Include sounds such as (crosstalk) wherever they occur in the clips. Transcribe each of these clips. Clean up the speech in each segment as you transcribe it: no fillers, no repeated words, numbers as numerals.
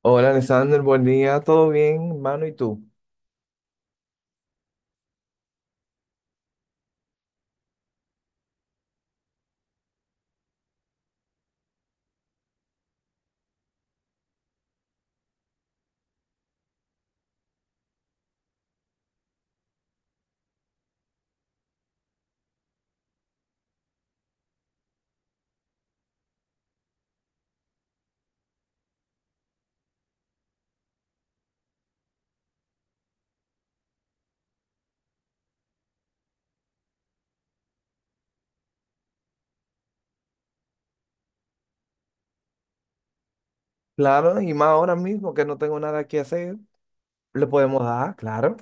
Hola, Alexander, buen día, ¿todo bien, hermano? ¿Y tú? Claro, y más ahora mismo que no tengo nada que hacer, le podemos dar, claro.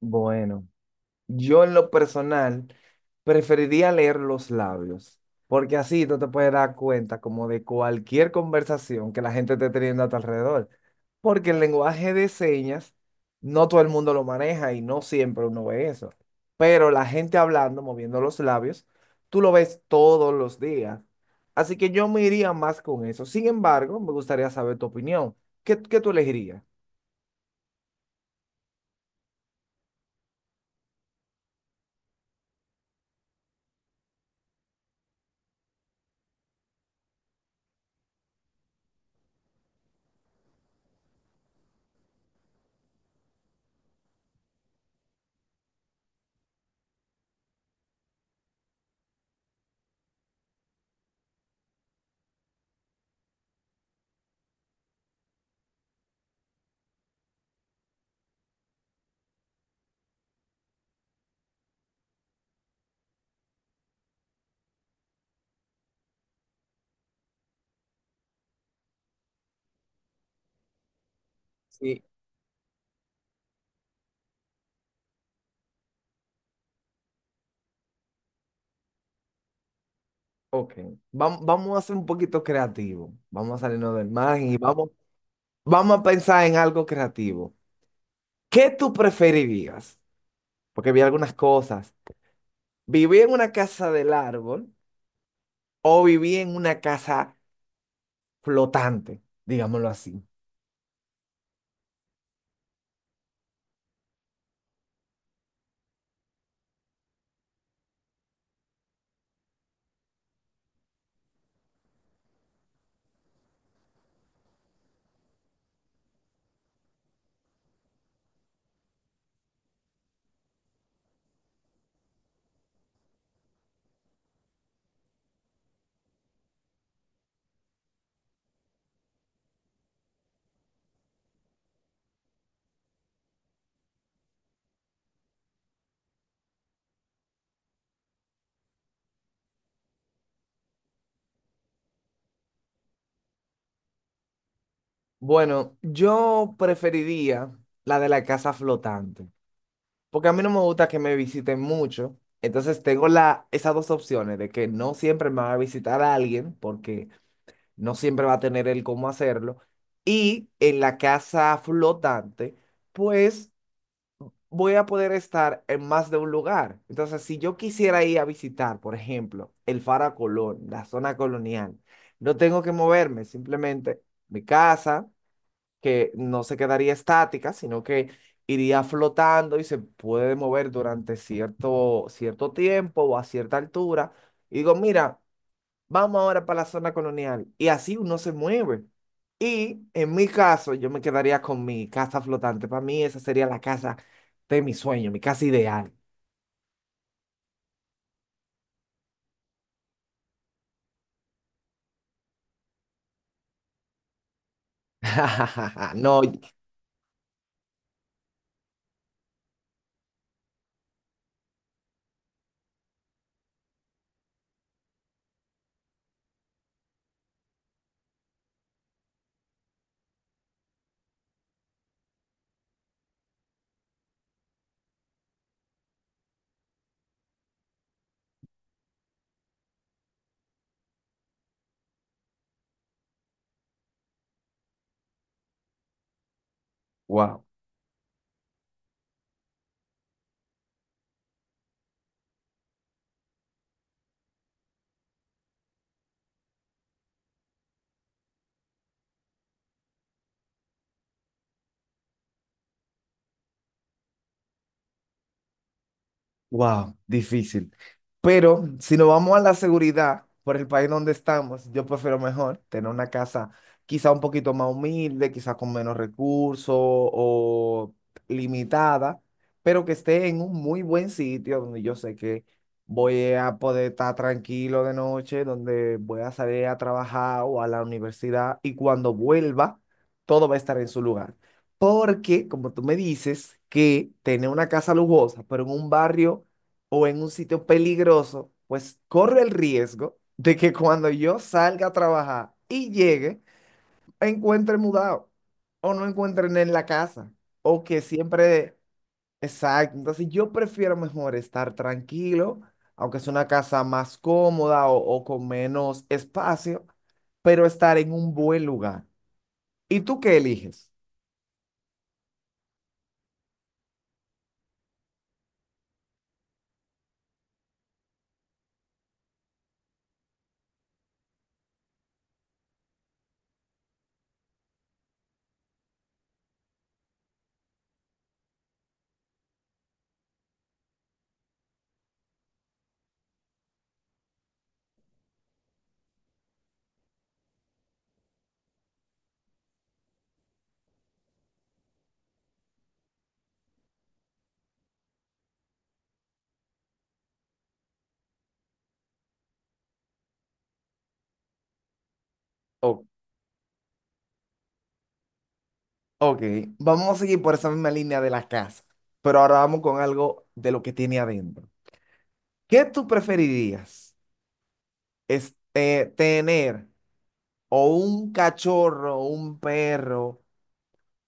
Bueno, yo en lo personal preferiría leer los labios, porque así tú te puedes dar cuenta como de cualquier conversación que la gente esté teniendo a tu alrededor, porque el lenguaje de señas no todo el mundo lo maneja y no siempre uno ve eso, pero la gente hablando, moviendo los labios, tú lo ves todos los días. Así que yo me iría más con eso. Sin embargo, me gustaría saber tu opinión. ¿Qué tú elegirías? Sí. Ok, vamos a ser un poquito creativos. Vamos a salirnos del margen y vamos a pensar en algo creativo. ¿Qué tú preferirías? Porque vi algunas cosas. ¿Vivir en una casa del árbol o vivir en una casa flotante? Digámoslo así. Bueno, yo preferiría la de la casa flotante, porque a mí no me gusta que me visiten mucho. Entonces tengo esas dos opciones de que no siempre me va a visitar alguien, porque no siempre va a tener el cómo hacerlo. Y en la casa flotante, pues voy a poder estar en más de un lugar. Entonces, si yo quisiera ir a visitar, por ejemplo, el Faro Colón, la zona colonial, no tengo que moverme, simplemente mi casa, que no se quedaría estática, sino que iría flotando y se puede mover durante cierto tiempo o a cierta altura. Y digo, mira, vamos ahora para la zona colonial. Y así uno se mueve. Y en mi caso, yo me quedaría con mi casa flotante. Para mí esa sería la casa de mi sueño, mi casa ideal. (laughs) No, wow. Wow, difícil. Pero si nos vamos a la seguridad por el país donde estamos, yo prefiero mejor tener una casa quizá un poquito más humilde, quizá con menos recursos o limitada, pero que esté en un muy buen sitio donde yo sé que voy a poder estar tranquilo de noche, donde voy a salir a trabajar o a la universidad y cuando vuelva, todo va a estar en su lugar. Porque, como tú me dices, que tener una casa lujosa, pero en un barrio o en un sitio peligroso, pues corre el riesgo de que cuando yo salga a trabajar y llegue, encuentre mudado o no encuentren en la casa o que siempre... Exacto, entonces yo prefiero mejor estar tranquilo, aunque es una casa más cómoda o con menos espacio, pero estar en un buen lugar. ¿Y tú qué eliges? Ok, vamos a seguir por esa misma línea de la casa, pero ahora vamos con algo de lo que tiene adentro. ¿Qué tú preferirías? Este, tener o un cachorro, un perro,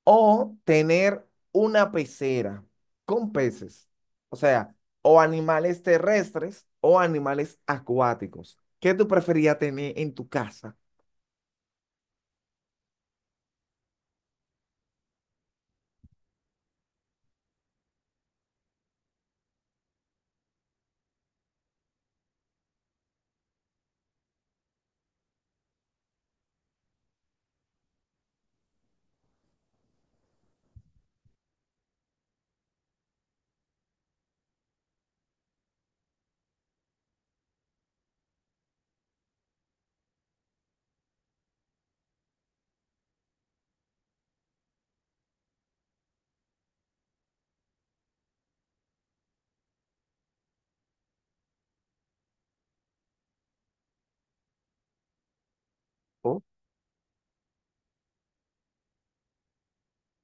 o tener una pecera con peces. O sea, o animales terrestres o animales acuáticos. ¿Qué tú preferirías tener en tu casa? Oh,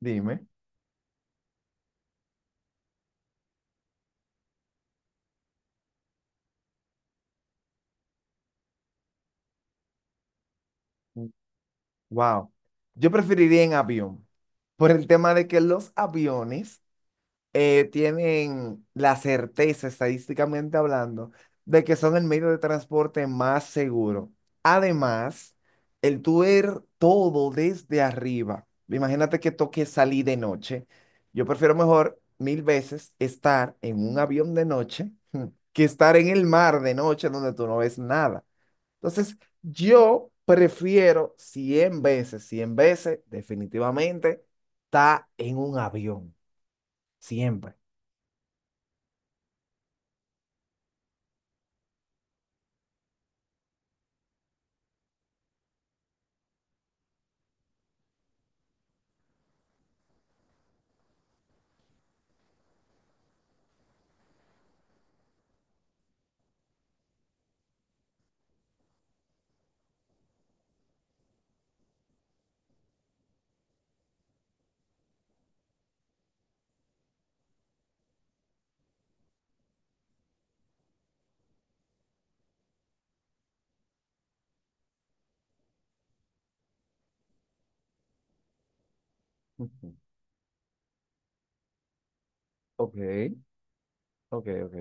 dime. Wow. Yo preferiría en avión, por el tema de que los aviones tienen la certeza, estadísticamente hablando, de que son el medio de transporte más seguro. Además, el tú ver todo desde arriba, imagínate que toque salir de noche. Yo prefiero mejor mil veces estar en un avión de noche que estar en el mar de noche donde tú no ves nada. Entonces, yo prefiero 100 veces, definitivamente, estar en un avión, siempre. Ujú. Ok, ok.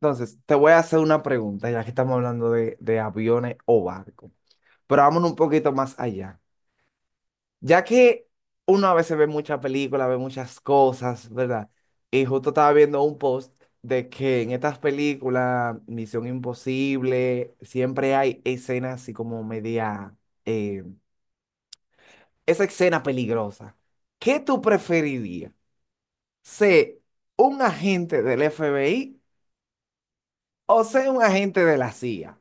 Entonces, te voy a hacer una pregunta, ya que estamos hablando de aviones o barcos. Pero vámonos un poquito más allá. Ya que uno a veces ve muchas películas, ve muchas cosas, ¿verdad? Y justo estaba viendo un post de que en estas películas, Misión Imposible, siempre hay escenas así como media, eh, esa escena peligrosa. ¿Qué tú preferirías? ¿Ser un agente del FBI o ser un agente de la CIA?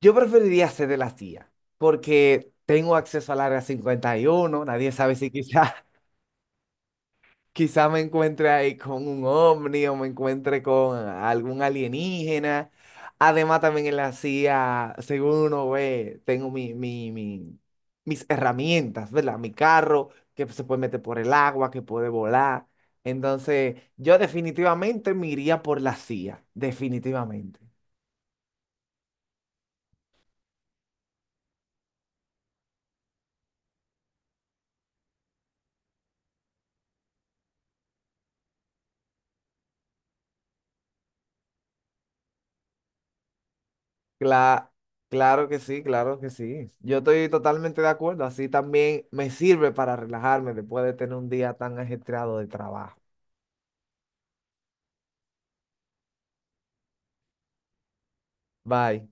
Yo preferiría ser de la CIA, porque tengo acceso al Área 51, nadie sabe si quizás... Quizá me encuentre ahí con un ovni o me encuentre con algún alienígena. Además, también en la CIA, según uno ve, tengo mis herramientas, ¿verdad? Mi carro, que se puede meter por el agua, que puede volar. Entonces, yo definitivamente me iría por la CIA, definitivamente. Cla- claro que sí, claro que sí. Yo estoy totalmente de acuerdo. Así también me sirve para relajarme después de tener un día tan ajetreado de trabajo. Bye.